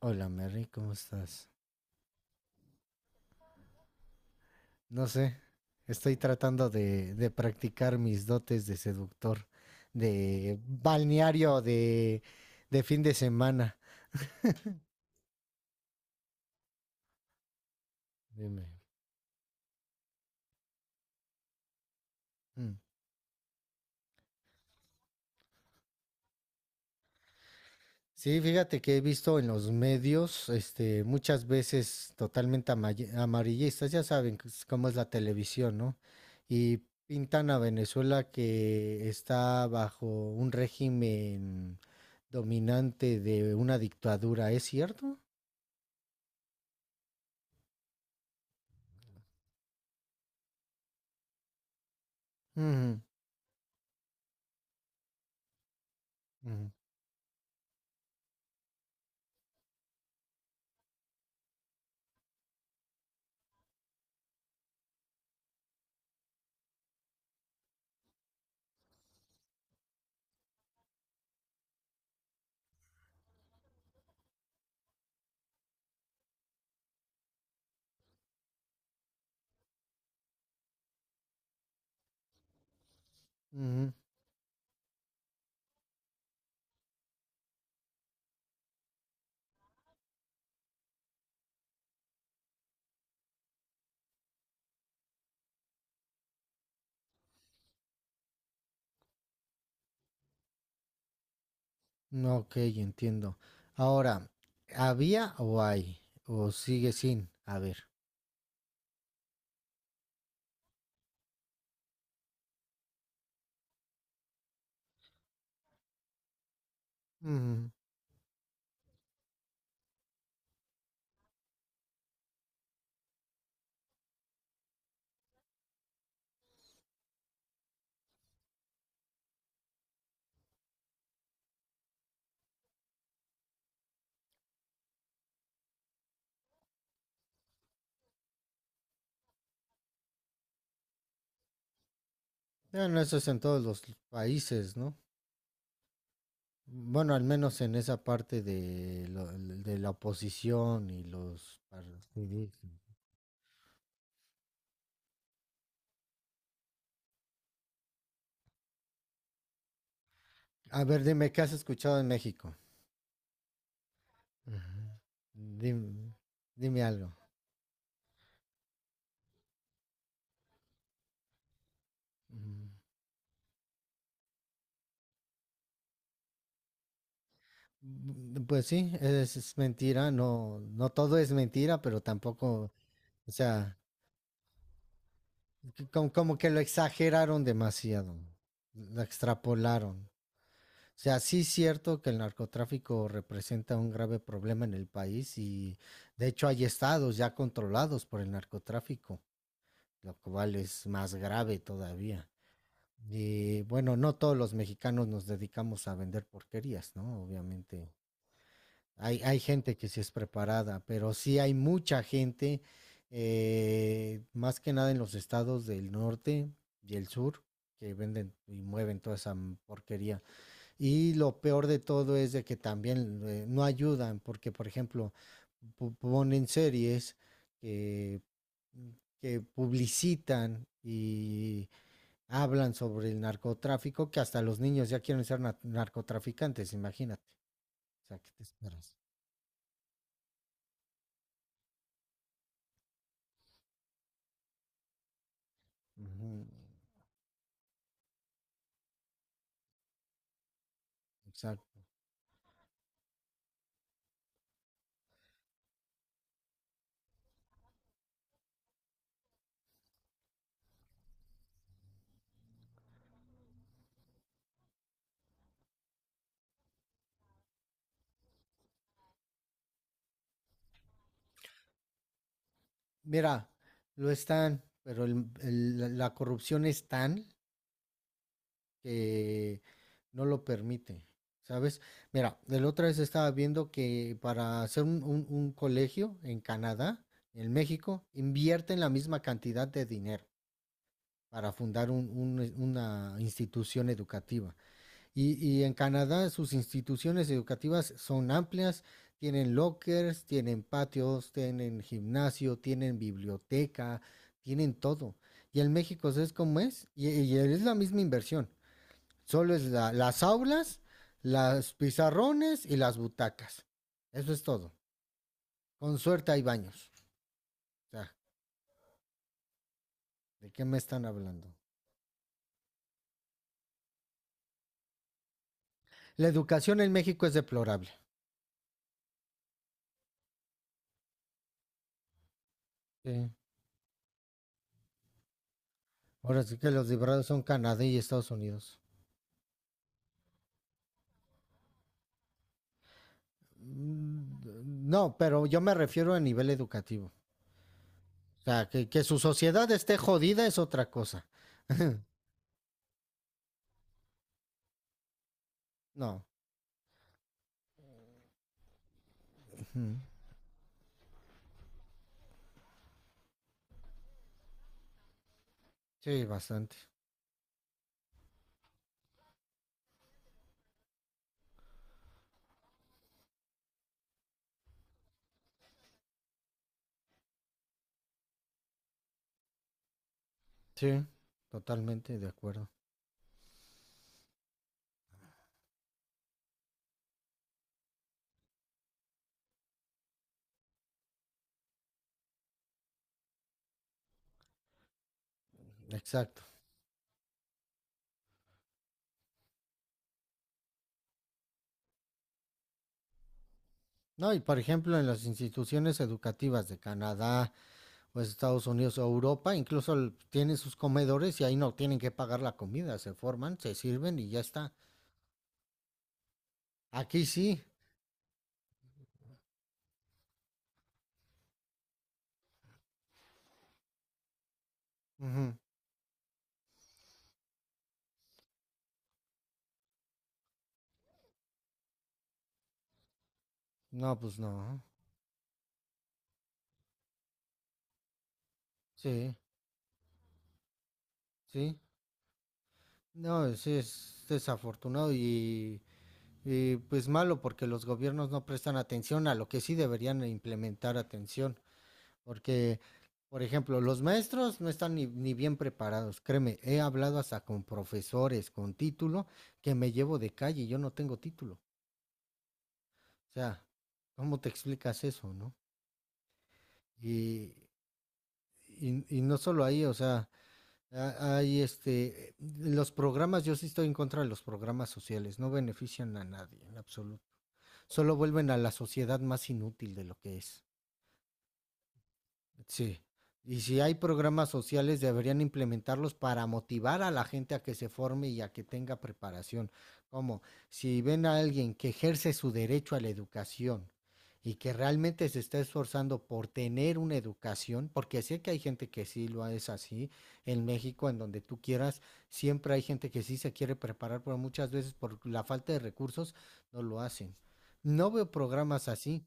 Hola Mary, ¿cómo estás? No sé, estoy tratando de practicar mis dotes de seductor, de balneario, de fin de semana. Dime. Mm. Sí, fíjate que he visto en los medios, este, muchas veces totalmente amarillistas, ya saben cómo es la televisión, ¿no? Y pintan a Venezuela que está bajo un régimen dominante de una dictadura, ¿es cierto? Mm. Ujú, ujú. No, ok, entiendo. Ahora, ¿había o hay? ¿O sigue sin haber? Ujú. Bueno, eso es en todos los países, ¿no? Bueno, al menos en esa parte de, de la oposición y los partidismos. A ver, dime, ¿qué has escuchado en México? Ujú. Dime, dime algo. Ujú. Mm, pues sí, es mentira, no, no todo es mentira, pero tampoco, o sea, que como que lo exageraron demasiado, lo extrapolaron. O sea, sí es cierto que el narcotráfico representa un grave problema en el país y de hecho hay estados ya controlados por el narcotráfico, lo cual es más grave todavía. Y bueno, no todos los mexicanos nos dedicamos a vender porquerías, ¿no? Obviamente hay gente que sí es preparada, pero sí hay mucha gente, más que nada en los estados del norte y el sur, que venden y mueven toda esa porquería. Y lo peor de todo es de que también no ayudan, porque por ejemplo, ponen series que, que publicitan y hablan sobre el narcotráfico, que hasta los niños ya quieren ser narcotraficantes, imagínate. O sea, ¿qué te esperas? Ujú, exacto. Mira, lo están, pero la corrupción es tan que no lo permite, ¿sabes? Mira, la otra vez estaba viendo que para hacer un colegio en Canadá, en México, invierten la misma cantidad de dinero para fundar una institución educativa. Y en Canadá sus instituciones educativas son amplias, tienen lockers, tienen patios, tienen gimnasio, tienen biblioteca, tienen todo. Y en México es como es, y es la misma inversión. Solo es las aulas, los pizarrones y las butacas. Eso es todo. Con suerte hay baños. O sea, ¿de qué me están hablando? La educación en México es deplorable. Sí. Ahora sí que los librados son Canadá y Estados Unidos. Mm, no, pero yo me refiero a nivel educativo. O sea, que su sociedad esté jodida es otra cosa. No. Sí, bastante. Sí, totalmente de acuerdo. Exacto. No, y por ejemplo, en las instituciones educativas de Canadá o Estados Unidos o Europa, incluso tienen sus comedores y ahí no tienen que pagar la comida, se forman, se sirven y ya está. Aquí sí. Ujú. No, pues no. Sí, sí. No, sí es desafortunado y pues malo porque los gobiernos no prestan atención a lo que sí deberían implementar atención, porque, por ejemplo, los maestros no están ni bien preparados. Créeme, he hablado hasta con profesores con título que me llevo de calle y yo no tengo título. O sea, ¿cómo te explicas eso, no? Y, y no solo ahí, o sea, hay este, los programas, yo sí estoy en contra de los programas sociales, no benefician a nadie en absoluto, solo vuelven a la sociedad más inútil de lo que es. Sí. Y si hay programas sociales, deberían implementarlos para motivar a la gente a que se forme y a que tenga preparación. Como si ven a alguien que ejerce su derecho a la educación y que realmente se está esforzando por tener una educación, porque sé que hay gente que sí lo es así en México, en donde tú quieras, siempre hay gente que sí se quiere preparar, pero muchas veces por la falta de recursos no lo hacen. No veo programas así,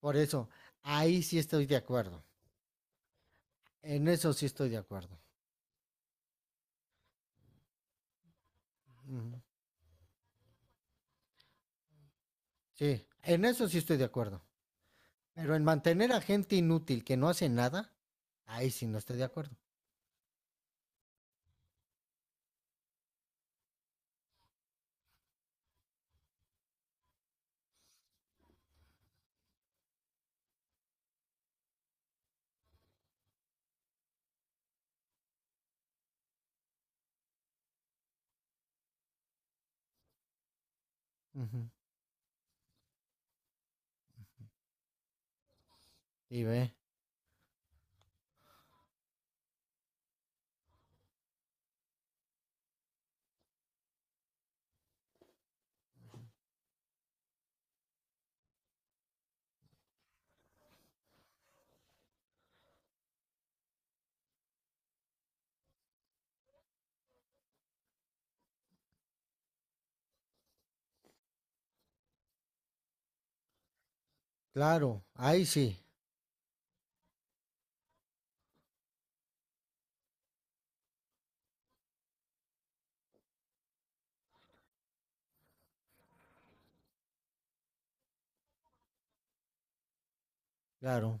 por eso ahí sí estoy de acuerdo. En eso sí estoy de acuerdo. Ujú. Sí, en eso sí estoy de acuerdo. Pero en mantener a gente inútil que no hace nada, ahí sí no estoy de acuerdo. Ujú. Y ve, claro, ahí sí, claro.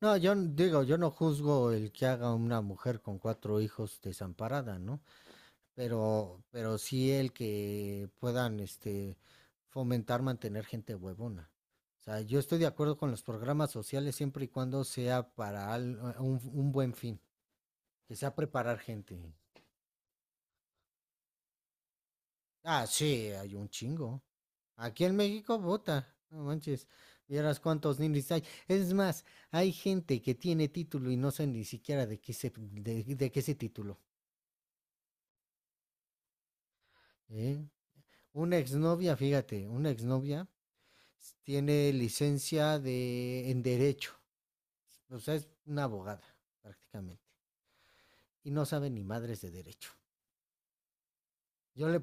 No, digo, yo no juzgo el que haga una mujer con cuatro hijos desamparada, ¿no? Pero sí el que puedan, este, fomentar mantener gente huevona. O sea, yo estoy de acuerdo con los programas sociales siempre y cuando sea para un buen fin. Que sea preparar gente. Ah, sí, hay un chingo. Aquí en México, vota. No manches. Vieras cuántos ninis hay. Es más, hay gente que tiene título y no sabe ni siquiera de qué se, de qué se título. ¿Eh? Una exnovia, fíjate, una exnovia tiene licencia de en derecho. O sea, es una abogada, prácticamente. Y no sabe ni madres de derecho. Yo le,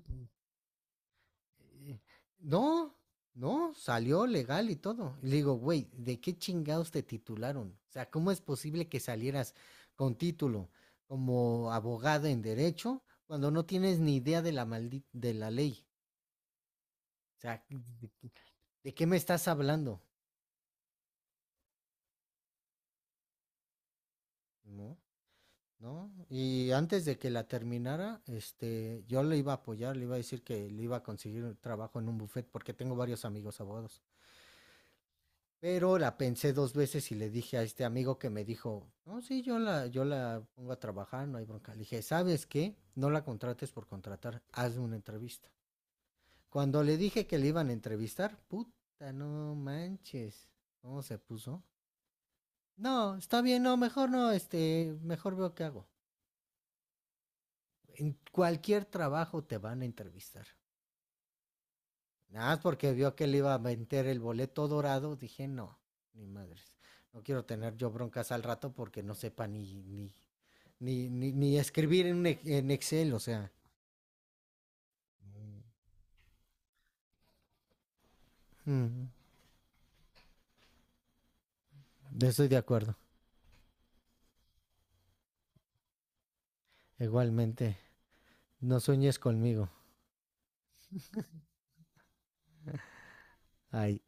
eh, No, no, salió legal y todo. Y le digo, güey, ¿de qué chingados te titularon? O sea, ¿cómo es posible que salieras con título como abogado en derecho cuando no tienes ni idea de la de la ley? O sea, ¿de qué me estás hablando? ¿No? ¿No? Y antes de que la terminara, este, yo le iba a apoyar, le iba a decir que le iba a conseguir un trabajo en un buffet porque tengo varios amigos abogados. Pero la pensé dos veces y le dije a este amigo que me dijo, no, sí, yo la pongo a trabajar, no hay bronca. Le dije, ¿sabes qué? No la contrates por contratar, hazme una entrevista. Cuando le dije que le iban a entrevistar, puta, no manches. ¿Cómo se puso? No, está bien, no, mejor no, este, mejor veo qué hago. En cualquier trabajo te van a entrevistar. Nada más porque vio que le iba a vender el boleto dorado, dije, no, ni madres. No quiero tener yo broncas al rato porque no sepa ni escribir en, un en Excel, o sea. Mm, estoy de acuerdo. Igualmente, no sueñes conmigo. Ay,